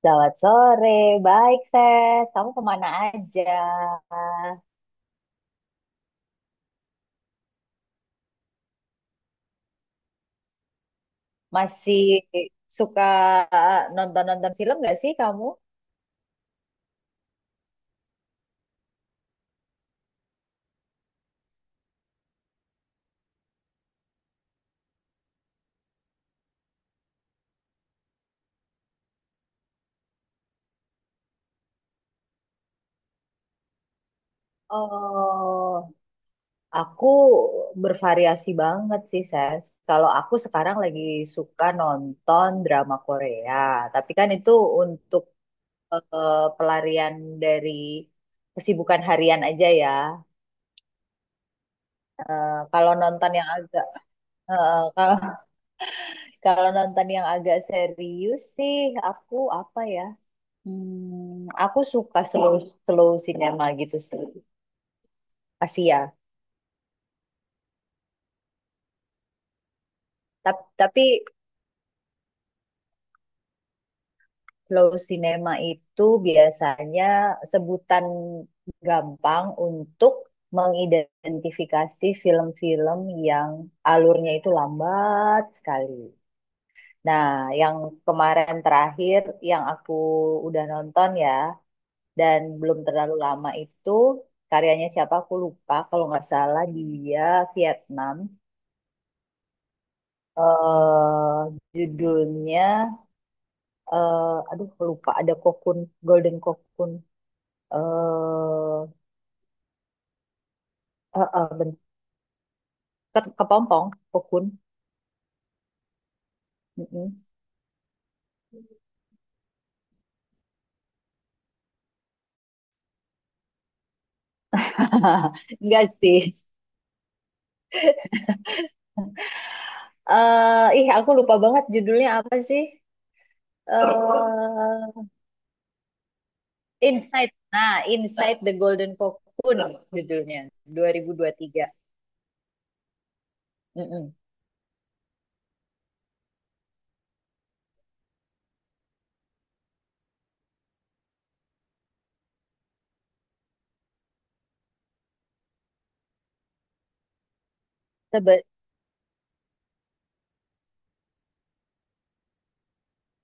Selamat sore, baik Seth. Kamu kemana aja? Masih suka nonton-nonton film gak sih kamu? Oh, aku bervariasi banget sih Ses. Kalau aku sekarang lagi suka nonton drama Korea, tapi kan itu untuk pelarian dari kesibukan harian aja ya. Eh, kalau nonton yang agak, eh, kalau Kalau nonton yang agak serius sih, aku apa ya? Aku suka slow slow cinema gitu sih, Asia. Tapi slow cinema itu biasanya sebutan gampang untuk mengidentifikasi film-film yang alurnya itu lambat sekali. Nah, yang kemarin terakhir yang aku udah nonton ya, dan belum terlalu lama itu karyanya siapa aku lupa, kalau nggak salah dia Vietnam. eh Judulnya, aduh lupa, ada kokun, Golden Kokun, eh eh, eh, ben- kepompong, kokun. Mm-mm. Enggak sih. Aku lupa banget judulnya apa sih? eh Inside. Nah, Inside the Golden Cocoon judulnya. 2023. Mm-mm. Sebe-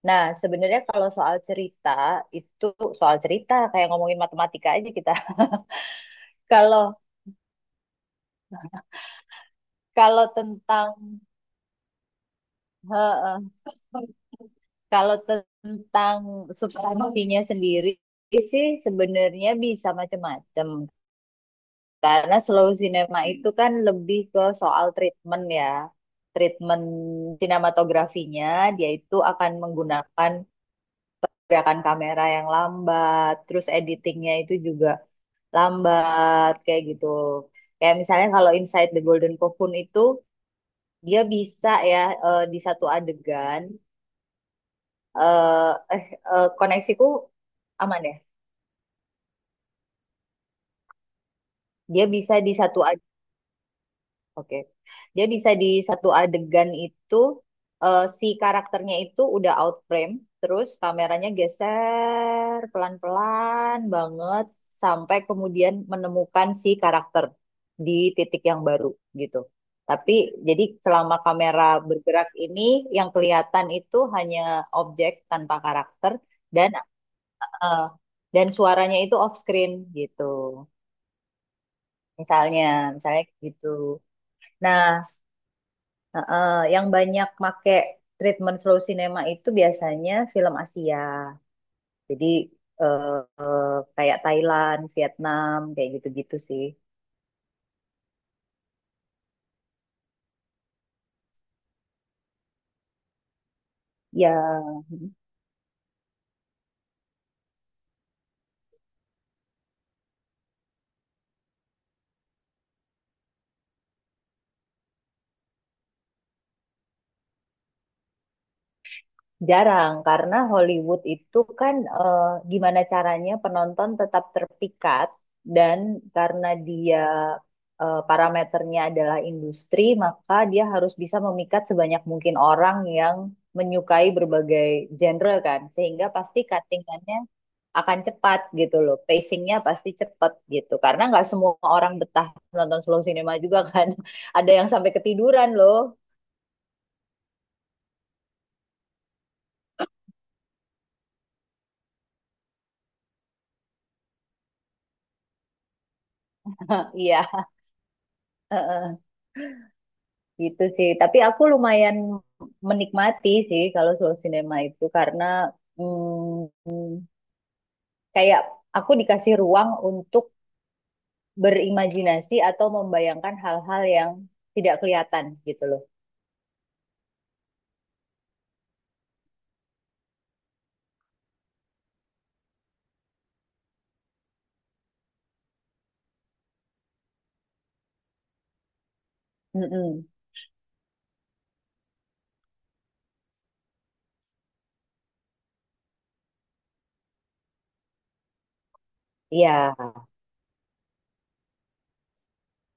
Nah, sebenarnya kalau soal cerita itu, soal cerita kayak ngomongin matematika aja kita. Kalau kalau tentang, heeh, kalau tentang substansinya sendiri sih sebenarnya bisa macam-macam. Karena slow cinema itu kan lebih ke soal treatment ya. Treatment sinematografinya, dia itu akan menggunakan gerakan kamera yang lambat, terus editingnya itu juga lambat kayak gitu. Kayak misalnya kalau Inside the Golden Cocoon itu dia bisa ya, di satu adegan, eh eh, koneksiku aman ya. Dia bisa di satu Oke. Dia bisa di satu adegan itu, si karakternya itu udah out frame, terus kameranya geser pelan-pelan banget sampai kemudian menemukan si karakter di titik yang baru gitu. Tapi jadi selama kamera bergerak ini, yang kelihatan itu hanya objek tanpa karakter, dan eh, dan suaranya itu off screen gitu. Misalnya, misalnya gitu. Nah, heeh, yang banyak make treatment slow cinema itu biasanya film Asia. Jadi eh, eh, kayak Thailand, Vietnam, kayak gitu-gitu sih. Ya jarang karena Hollywood itu kan, gimana caranya penonton tetap terpikat, dan karena dia, parameternya adalah industri, maka dia harus bisa memikat sebanyak mungkin orang yang menyukai berbagai genre kan. Sehingga pasti cuttingannya akan cepat gitu loh. Pacingnya pasti cepat gitu. Karena nggak semua orang betah nonton slow cinema juga kan. Ada yang sampai ketiduran loh. Iya, gitu sih. Tapi aku lumayan menikmati sih kalau slow cinema itu karena mm, kayak aku dikasih ruang untuk berimajinasi atau membayangkan hal-hal yang tidak kelihatan gitu loh. Mm-mm. Iya.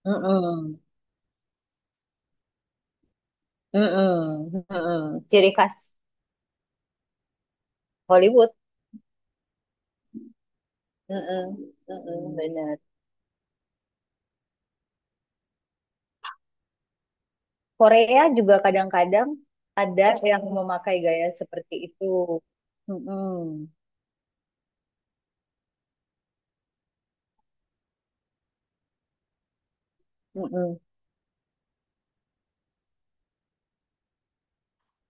Mm-mm. Mm-mm. Mm-mm. Ciri khas Hollywood. Mm-mm, mm-mm, benar. Korea juga kadang-kadang ada yang memakai gaya seperti itu. Mm-mm, mm-mm.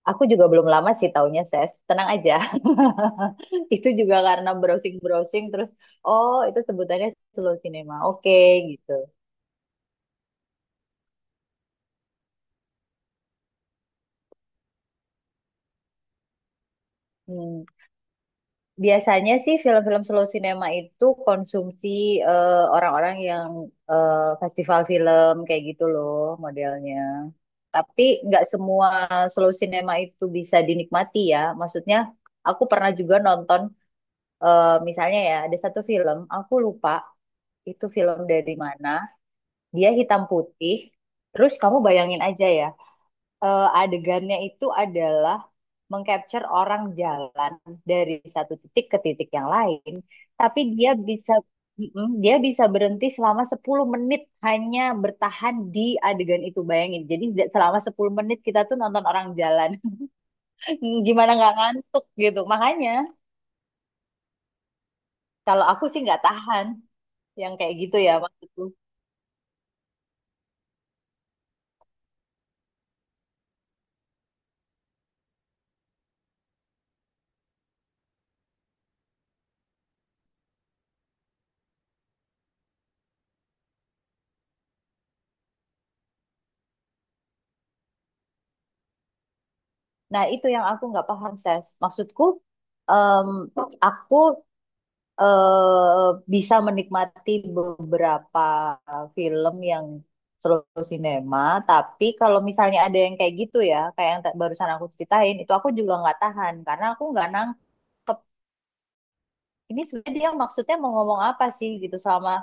Aku juga belum lama sih taunya, Ses. Tenang aja. Itu juga karena browsing-browsing terus, oh itu sebutannya slow cinema. Oke, gitu. Hmm. Biasanya sih film-film slow cinema itu konsumsi eh, orang-orang yang, festival film kayak gitu loh modelnya. Tapi nggak semua slow cinema itu bisa dinikmati ya. Maksudnya aku pernah juga nonton, misalnya ya, ada satu film aku lupa itu film dari mana. Dia hitam putih. Terus kamu bayangin aja ya, adegannya itu adalah mengcapture orang jalan dari satu titik ke titik yang lain, tapi dia bisa, dia bisa berhenti selama 10 menit, hanya bertahan di adegan itu, bayangin. Jadi selama 10 menit kita tuh nonton orang jalan. Gimana nggak ngantuk gitu. Makanya kalau aku sih nggak tahan yang kayak gitu ya maksudku. Nah, itu yang aku nggak paham, Ses. Maksudku, em, aku, bisa menikmati beberapa film yang seluruh sinema, tapi kalau misalnya ada yang kayak gitu ya, kayak yang barusan aku ceritain, itu aku juga nggak tahan karena aku nggak nangkep. Ini sebenarnya dia maksudnya mau ngomong apa sih gitu, selama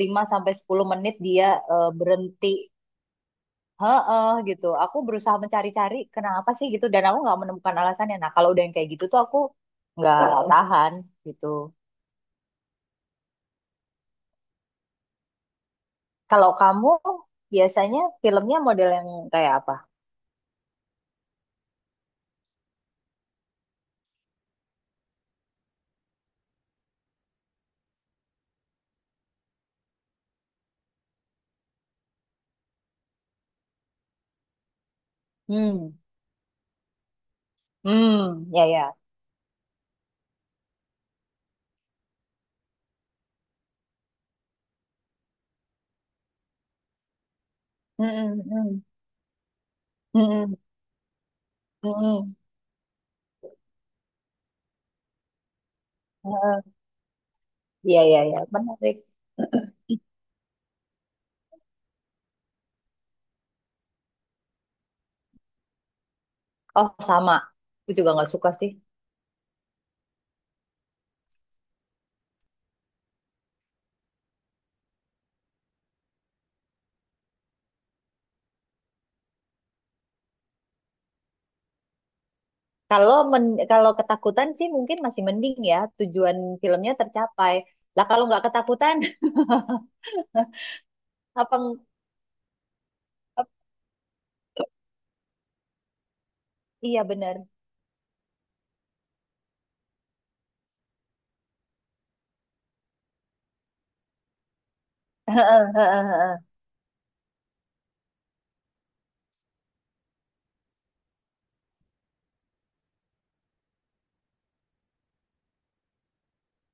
5 sampai 10 menit dia, berhenti. Heeh gitu. Aku berusaha mencari-cari kenapa sih gitu dan aku nggak menemukan alasannya. Nah, kalau udah yang kayak gitu tuh, aku nggak tahan gitu. Kalau kamu biasanya filmnya model yang kayak apa? Hmm, hmm, ya ya. Hmm, hmm, hmm, hmm, hmm, hmm. Eh, iya iya iya, menarik. Oh sama, aku juga nggak suka sih. Kalau men kalau ketakutan sih mungkin masih mending ya, tujuan filmnya tercapai. Lah kalau nggak ketakutan, apa? Ap- iya benar. Heeh, heeh, heeh,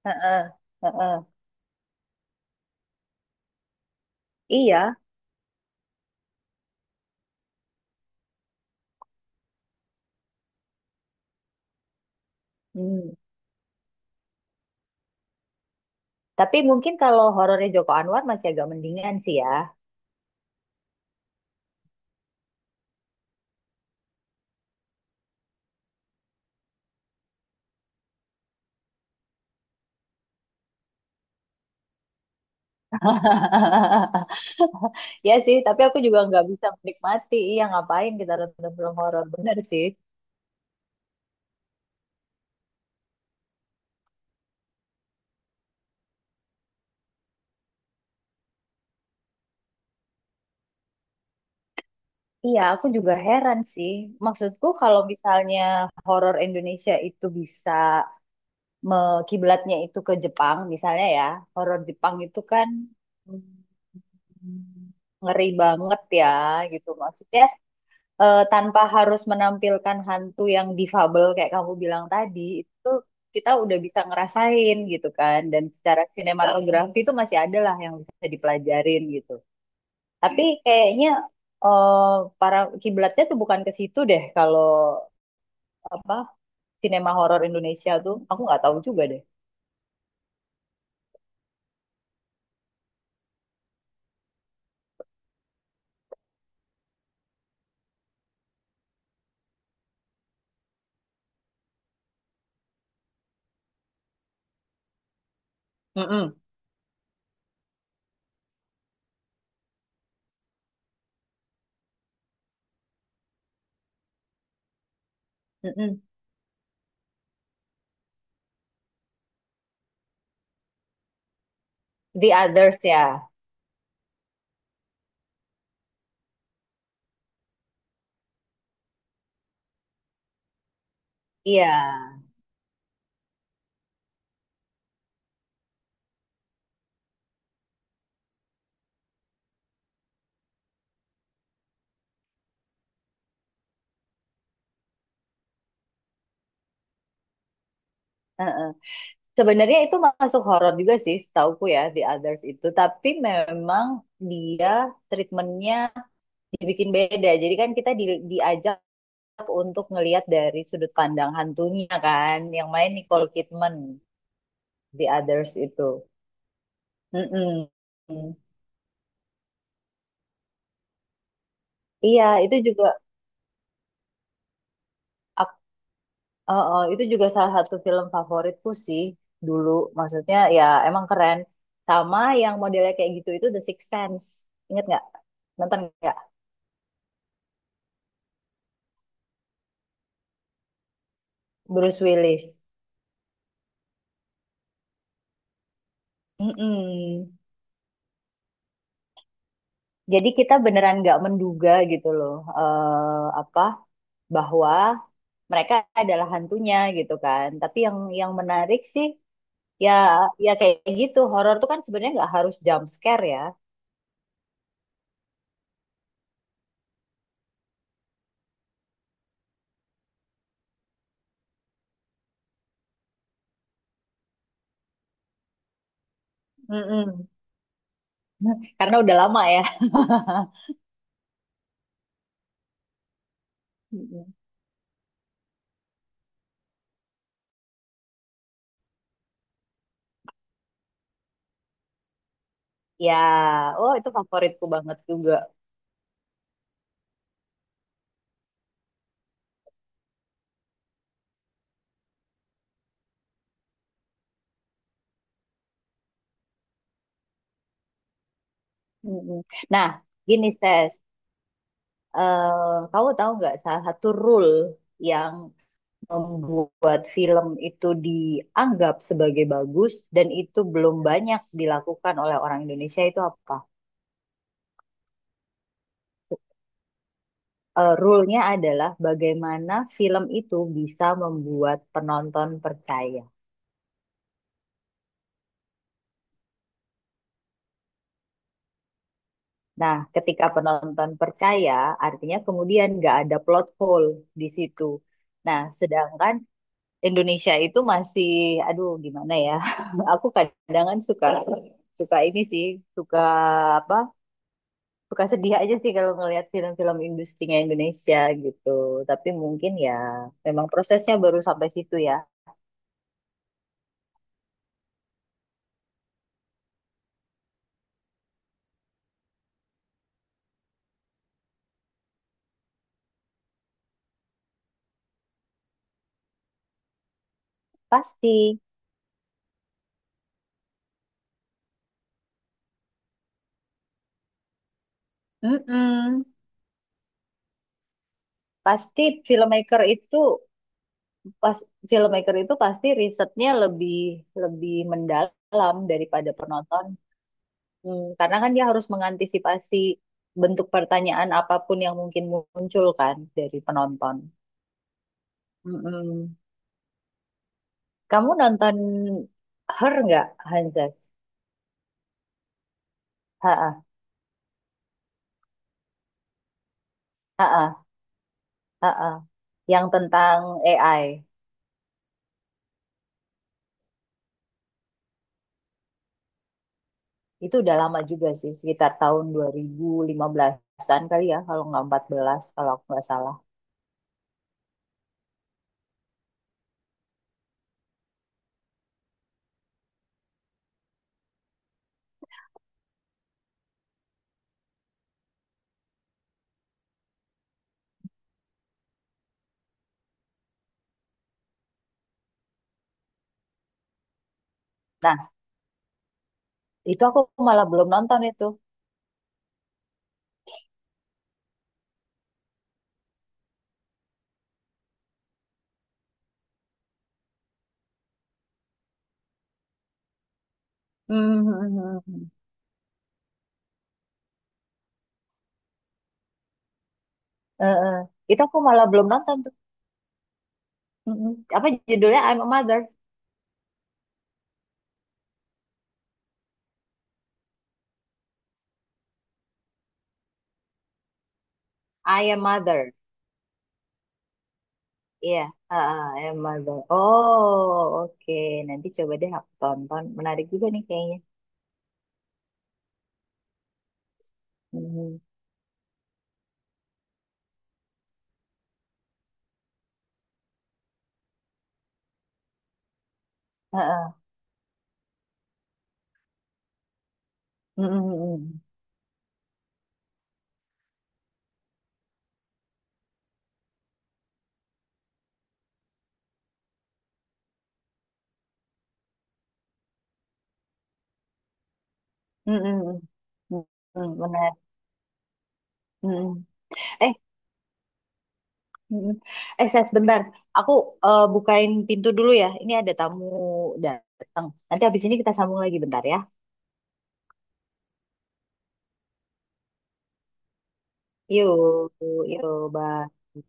heeh, heeh. Iya. Hmm. Tapi mungkin kalau horornya Joko Anwar masih agak mendingan sih ya. Ya sih, tapi aku juga nggak bisa menikmati. Iya, ngapain kita nonton film horor? Bener sih. Iya, aku juga heran sih. Maksudku kalau misalnya horor Indonesia itu bisa, kiblatnya itu ke Jepang, misalnya ya, horor Jepang itu kan, mm, ngeri banget ya, gitu. Maksudnya tanpa harus menampilkan hantu yang difabel kayak kamu bilang tadi itu, kita udah bisa ngerasain gitu kan, dan secara sinematografi itu masih ada lah yang bisa dipelajarin gitu. Tapi kayaknya eh, para kiblatnya tuh bukan ke situ deh, kalau apa, sinema horor Indonesia tuh aku nggak tahu juga deh. Mm-mm, mm-mm. The Others ya, iya. Heeh. Sebenarnya itu masuk horor juga sih, setauku ya, The Others itu. Tapi memang dia, treatmentnya dibikin beda. Jadi kan kita diajak untuk ngelihat dari sudut pandang hantunya kan, yang main Nicole Kidman, The Others itu. Mm-mm. Iya, itu juga, ak- itu juga salah satu film favoritku sih dulu. Maksudnya ya, emang keren. Sama yang modelnya kayak gitu itu The Sixth Sense. Ingat nggak? Nonton nggak? Bruce Willis. Mm-mm. Jadi kita beneran nggak menduga gitu loh, eh apa, bahwa mereka adalah hantunya gitu kan. Tapi yang menarik sih, ya ya kayak gitu, horor tuh kan sebenarnya nggak harus jump scare ya. Mm-mm. Karena udah lama ya. Mm-mm. Ya, oh itu favoritku banget juga. Mm-mm. Nah, gini Ses. Eh, kamu tahu nggak salah satu rule yang membuat film itu dianggap sebagai bagus dan itu belum banyak dilakukan oleh orang Indonesia itu apa? Eh, rule-nya adalah bagaimana film itu bisa membuat penonton percaya. Nah, ketika penonton percaya, artinya kemudian nggak ada plot hole di situ. Nah, sedangkan Indonesia itu masih, aduh gimana ya, aku kadang-kadang suka suka ini sih, suka apa suka sedih aja sih kalau ngelihat film-film industrinya Indonesia gitu. Tapi mungkin ya, memang prosesnya baru sampai situ ya. Pasti. Mm-mm. Pasti filmmaker itu pas filmmaker itu pasti risetnya lebih lebih mendalam daripada penonton. Hmm, karena kan dia harus mengantisipasi bentuk pertanyaan apapun yang mungkin muncul kan dari penonton. Mm-mm. Kamu nonton Her nggak, Hanzas? Ha-ah. Ha-ah. Heeh. Yang tentang AI, itu udah lama juga sih, sekitar tahun 2015-an kali ya, kalau nggak 14 kalau aku nggak salah. Nah, itu aku malah belum nonton itu. Hmm. Eh, eh. Itu aku malah belum nonton tuh. Mm-mm. Apa judulnya? I'm a Mother. I am Mother. Iya, ah, ah, I am Mother. Oh, oke. Nanti coba deh aku tonton. Menarik juga nih kayaknya. Mm-mm. Ah, ah. Mm-mm, mm-mm. Mm-mm, mm-mm. Mm-mm, menarik. Mm-mm. Eh, Mm-mm. Saya sebentar. Aku bukain pintu dulu ya. Ini ada tamu datang. Nanti habis ini kita sambung lagi bentar ya. Yuk, yuk, bye.